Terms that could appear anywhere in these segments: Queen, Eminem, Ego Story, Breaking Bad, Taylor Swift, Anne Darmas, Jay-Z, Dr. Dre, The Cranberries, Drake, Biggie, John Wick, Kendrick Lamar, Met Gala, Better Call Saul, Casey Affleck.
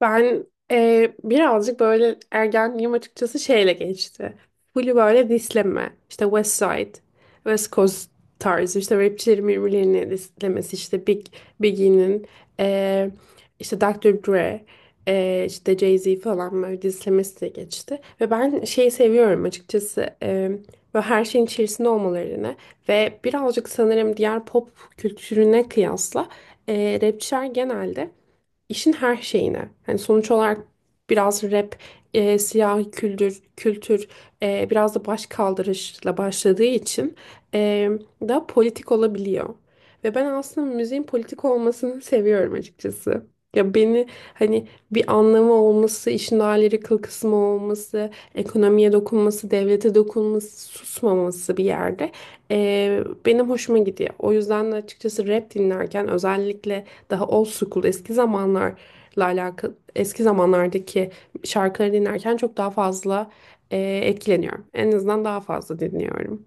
Ben birazcık böyle ergenliğim açıkçası şeyle geçti. Full böyle disleme. İşte West Side, West Coast tarzı işte rapçilerin birbirlerini dislemesi. İşte Big, Biggie'nin, e, işte Dr. Dre, işte Jay-Z falan böyle dislemesi de geçti. Ve ben şeyi seviyorum açıkçası. Böyle her şeyin içerisinde olmalarını ve birazcık sanırım diğer pop kültürüne kıyasla rapçiler genelde işin her şeyine. Yani sonuç olarak biraz rap, siyahi kültür, biraz da baş kaldırışla başladığı için e, da politik olabiliyor. Ve ben aslında müziğin politik olmasını seviyorum açıkçası. Ya beni hani bir anlamı olması, işin ayrı kıl kısmı olması, ekonomiye dokunması, devlete dokunması, susmaması bir yerde e, benim hoşuma gidiyor. O yüzden de açıkçası rap dinlerken özellikle daha old school eski zamanlarla alakalı eski zamanlardaki şarkıları dinlerken çok daha fazla e, etkileniyorum. En azından daha fazla dinliyorum.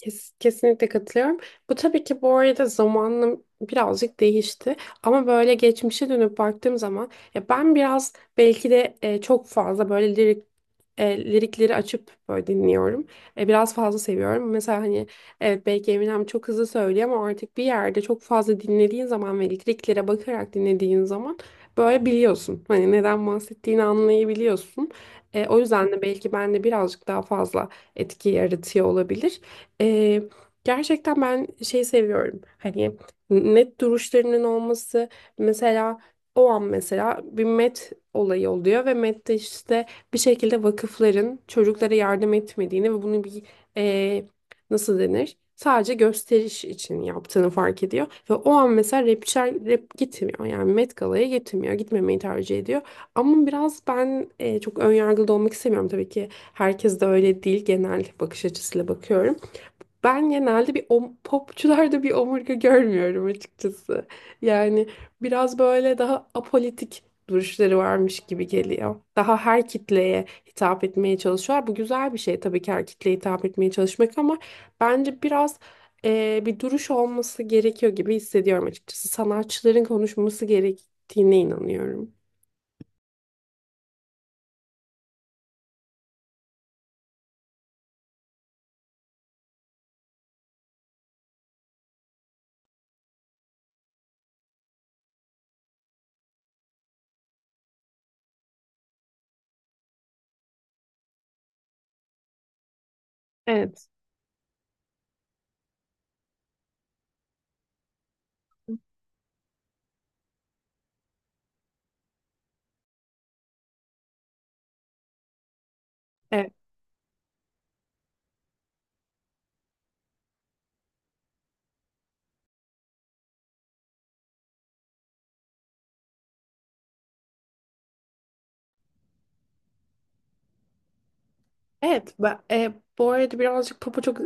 Kesinlikle katılıyorum. Bu tabii ki bu arada zamanla birazcık değişti. Ama böyle geçmişe dönüp baktığım zaman ya ben biraz belki de çok fazla böyle lirikleri açıp böyle dinliyorum. Biraz fazla seviyorum. Mesela hani evet belki Eminem çok hızlı söylüyor ama artık bir yerde çok fazla dinlediğin zaman ve liriklere bakarak dinlediğin zaman böyle biliyorsun. Hani neden bahsettiğini anlayabiliyorsun. O yüzden de belki ben de birazcık daha fazla etki yaratıyor olabilir. Ee, gerçekten ben şey seviyorum. Hani net duruşlarının olması mesela o an mesela bir met olayı oluyor ve mette işte bir şekilde vakıfların çocuklara yardım etmediğini ve bunu bir e, nasıl denir? Sadece gösteriş için yaptığını fark ediyor. Ve o an mesela rapçiler gitmiyor. Yani Met Gala'ya gitmiyor. Gitmemeyi tercih ediyor. Ama biraz ben çok önyargılı da olmak istemiyorum. Tabii ki herkes de öyle değil. Genel bakış açısıyla bakıyorum. Ben genelde popçularda bir omurga görmüyorum açıkçası. Yani biraz böyle daha apolitik duruşları varmış gibi geliyor. Daha her kitleye hitap etmeye çalışıyorlar. Bu güzel bir şey tabii ki her kitleye hitap etmeye çalışmak ama bence biraz bir duruş olması gerekiyor gibi hissediyorum açıkçası. Sanatçıların konuşması gerektiğine inanıyorum. Evet. Evet. Evet, bu arada birazcık popa çok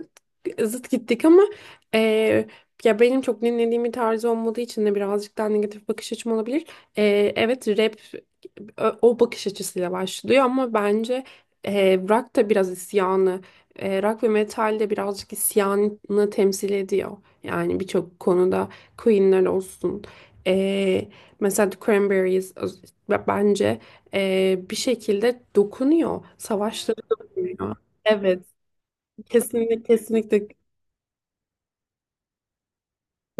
zıt gittik ama e, ya benim çok dinlediğim bir tarz olmadığı için de birazcık daha negatif bakış açım olabilir. Evet, rap o bakış açısıyla başlıyor ama bence rock da biraz isyanı, rock ve metal de birazcık isyanı temsil ediyor. Yani birçok konuda Queen'ler olsun. E, mesela The Cranberries bence bir şekilde dokunuyor. Savaşları ya. Evet, kesinlikle kesinlikle.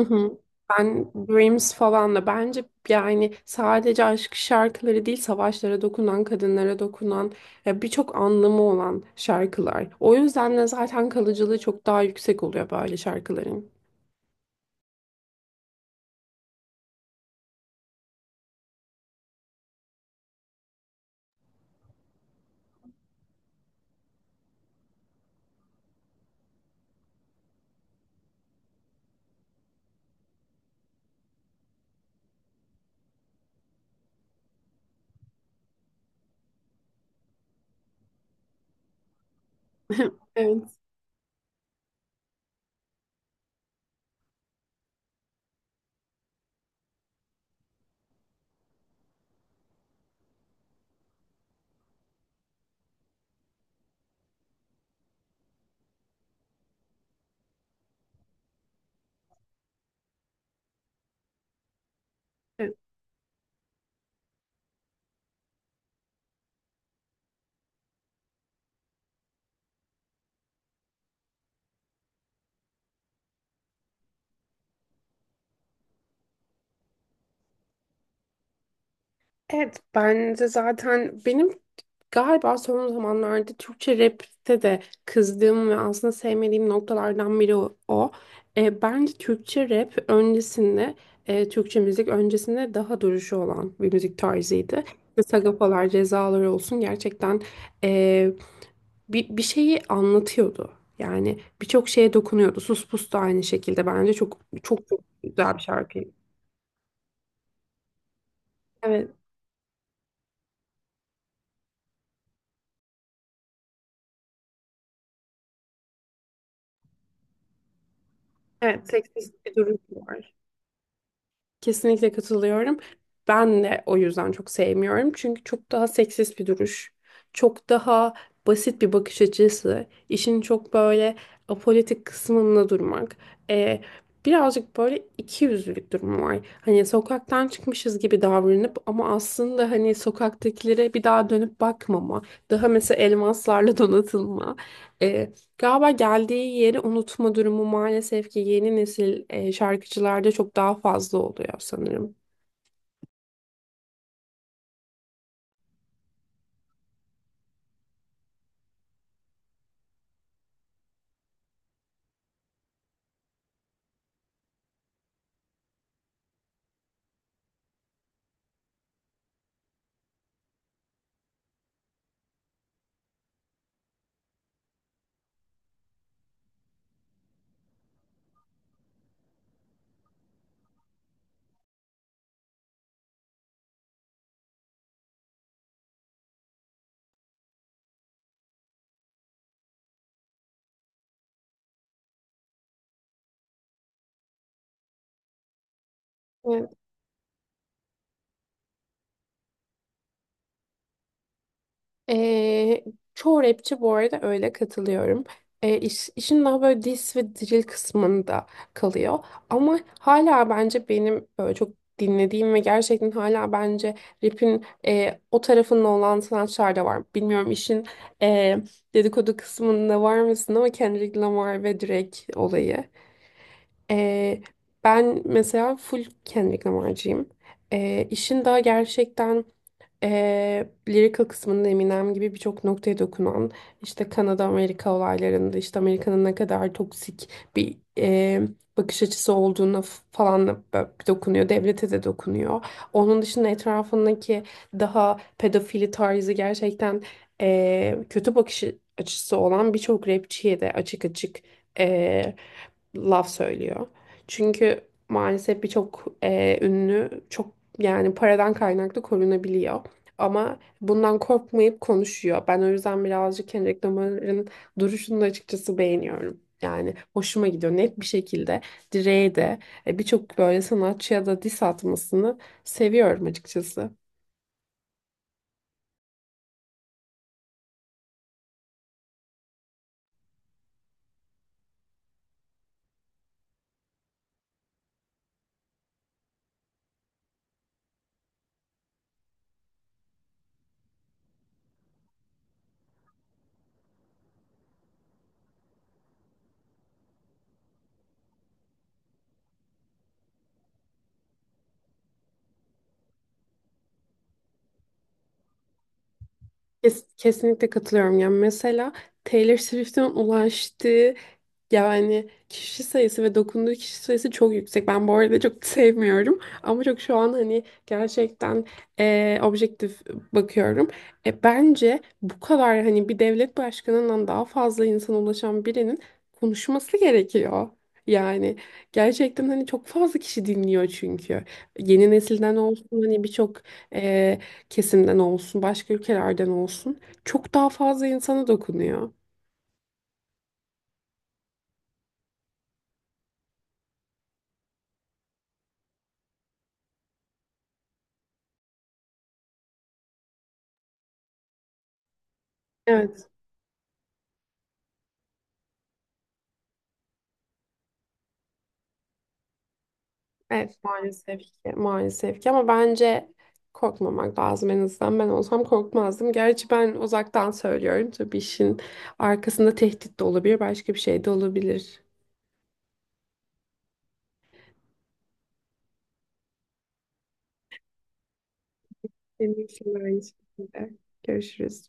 Hı hı. Ben Dreams falan da bence yani sadece aşk şarkıları değil savaşlara dokunan, kadınlara dokunan birçok anlamı olan şarkılar. O yüzden de zaten kalıcılığı çok daha yüksek oluyor böyle şarkıların. Evet. Evet. Evet bence zaten benim galiba son zamanlarda Türkçe rap'te de kızdığım ve aslında sevmediğim noktalardan biri o. Bence Türkçe rap öncesinde, Türkçe müzik öncesinde daha duruşu olan bir müzik tarzıydı. Ve Sagapalar, cezalar olsun gerçekten e, bir şeyi anlatıyordu. Yani birçok şeye dokunuyordu. Sus Pus da aynı şekilde bence çok çok çok güzel bir şarkıydı. Evet, evet seksist bir duruş var. Kesinlikle katılıyorum. Ben de o yüzden çok sevmiyorum. Çünkü çok daha seksist bir duruş. Çok daha basit bir bakış açısı. İşin çok böyle apolitik kısmında durmak. Ee, birazcık böyle ikiyüzlülük durumu var. Hani sokaktan çıkmışız gibi davranıp ama aslında hani sokaktakilere bir daha dönüp bakmama. Daha mesela elmaslarla donatılma. e, Galiba geldiği yeri unutma durumu maalesef ki yeni nesil şarkıcılarda çok daha fazla oluyor sanırım. Evet. Ee, çoğu rapçi bu arada öyle katılıyorum. İş- işin daha böyle diss ve drill kısmında kalıyor. Ama hala bence benim böyle çok dinlediğim ve gerçekten hala bence rap'in o tarafında olan sanatçılar da var. Bilmiyorum işin e, dedikodu kısmında var mısın ama Kendrick Lamar ve Drake olayı. Ee, ben mesela full Kendrick Lamar'cıyım. İşin daha gerçekten lyrical kısmında Eminem gibi birçok noktaya dokunan işte Kanada Amerika olaylarında işte Amerika'nın ne kadar toksik bir bakış açısı olduğuna falan da dokunuyor. Devlete de dokunuyor. Onun dışında etrafındaki daha pedofili tarzı gerçekten kötü bakış açısı olan birçok rapçiye de açık açık eee, laf söylüyor. Çünkü maalesef birçok ünlü çok yani paradan kaynaklı korunabiliyor. Ama bundan korkmayıp konuşuyor. Ben o yüzden birazcık Kendrick Lamar'ın duruşunu da açıkçası beğeniyorum. Yani hoşuma gidiyor. Net bir şekilde Dre'ye de birçok böyle sanatçıya da diss atmasını seviyorum açıkçası. Kesinlikle katılıyorum. Yani mesela Taylor Swift'in ulaştığı, yani kişi sayısı ve dokunduğu kişi sayısı çok yüksek. Ben bu arada çok sevmiyorum. Ama çok şu an hani gerçekten objektif bakıyorum. Bence bu kadar hani bir devlet başkanından daha fazla insana ulaşan birinin konuşması gerekiyor. Yani gerçekten hani çok fazla kişi dinliyor çünkü. Yeni nesilden olsun hani birçok eee, kesimden olsun başka ülkelerden olsun çok daha fazla insana dokunuyor. Evet. Evet maalesef ki maalesef ki ama bence korkmamak lazım en azından ben olsam korkmazdım. Gerçi ben uzaktan söylüyorum tabii işin arkasında tehdit de olabilir başka bir şey de olabilir. Benim için de aynı şekilde. Görüşürüz.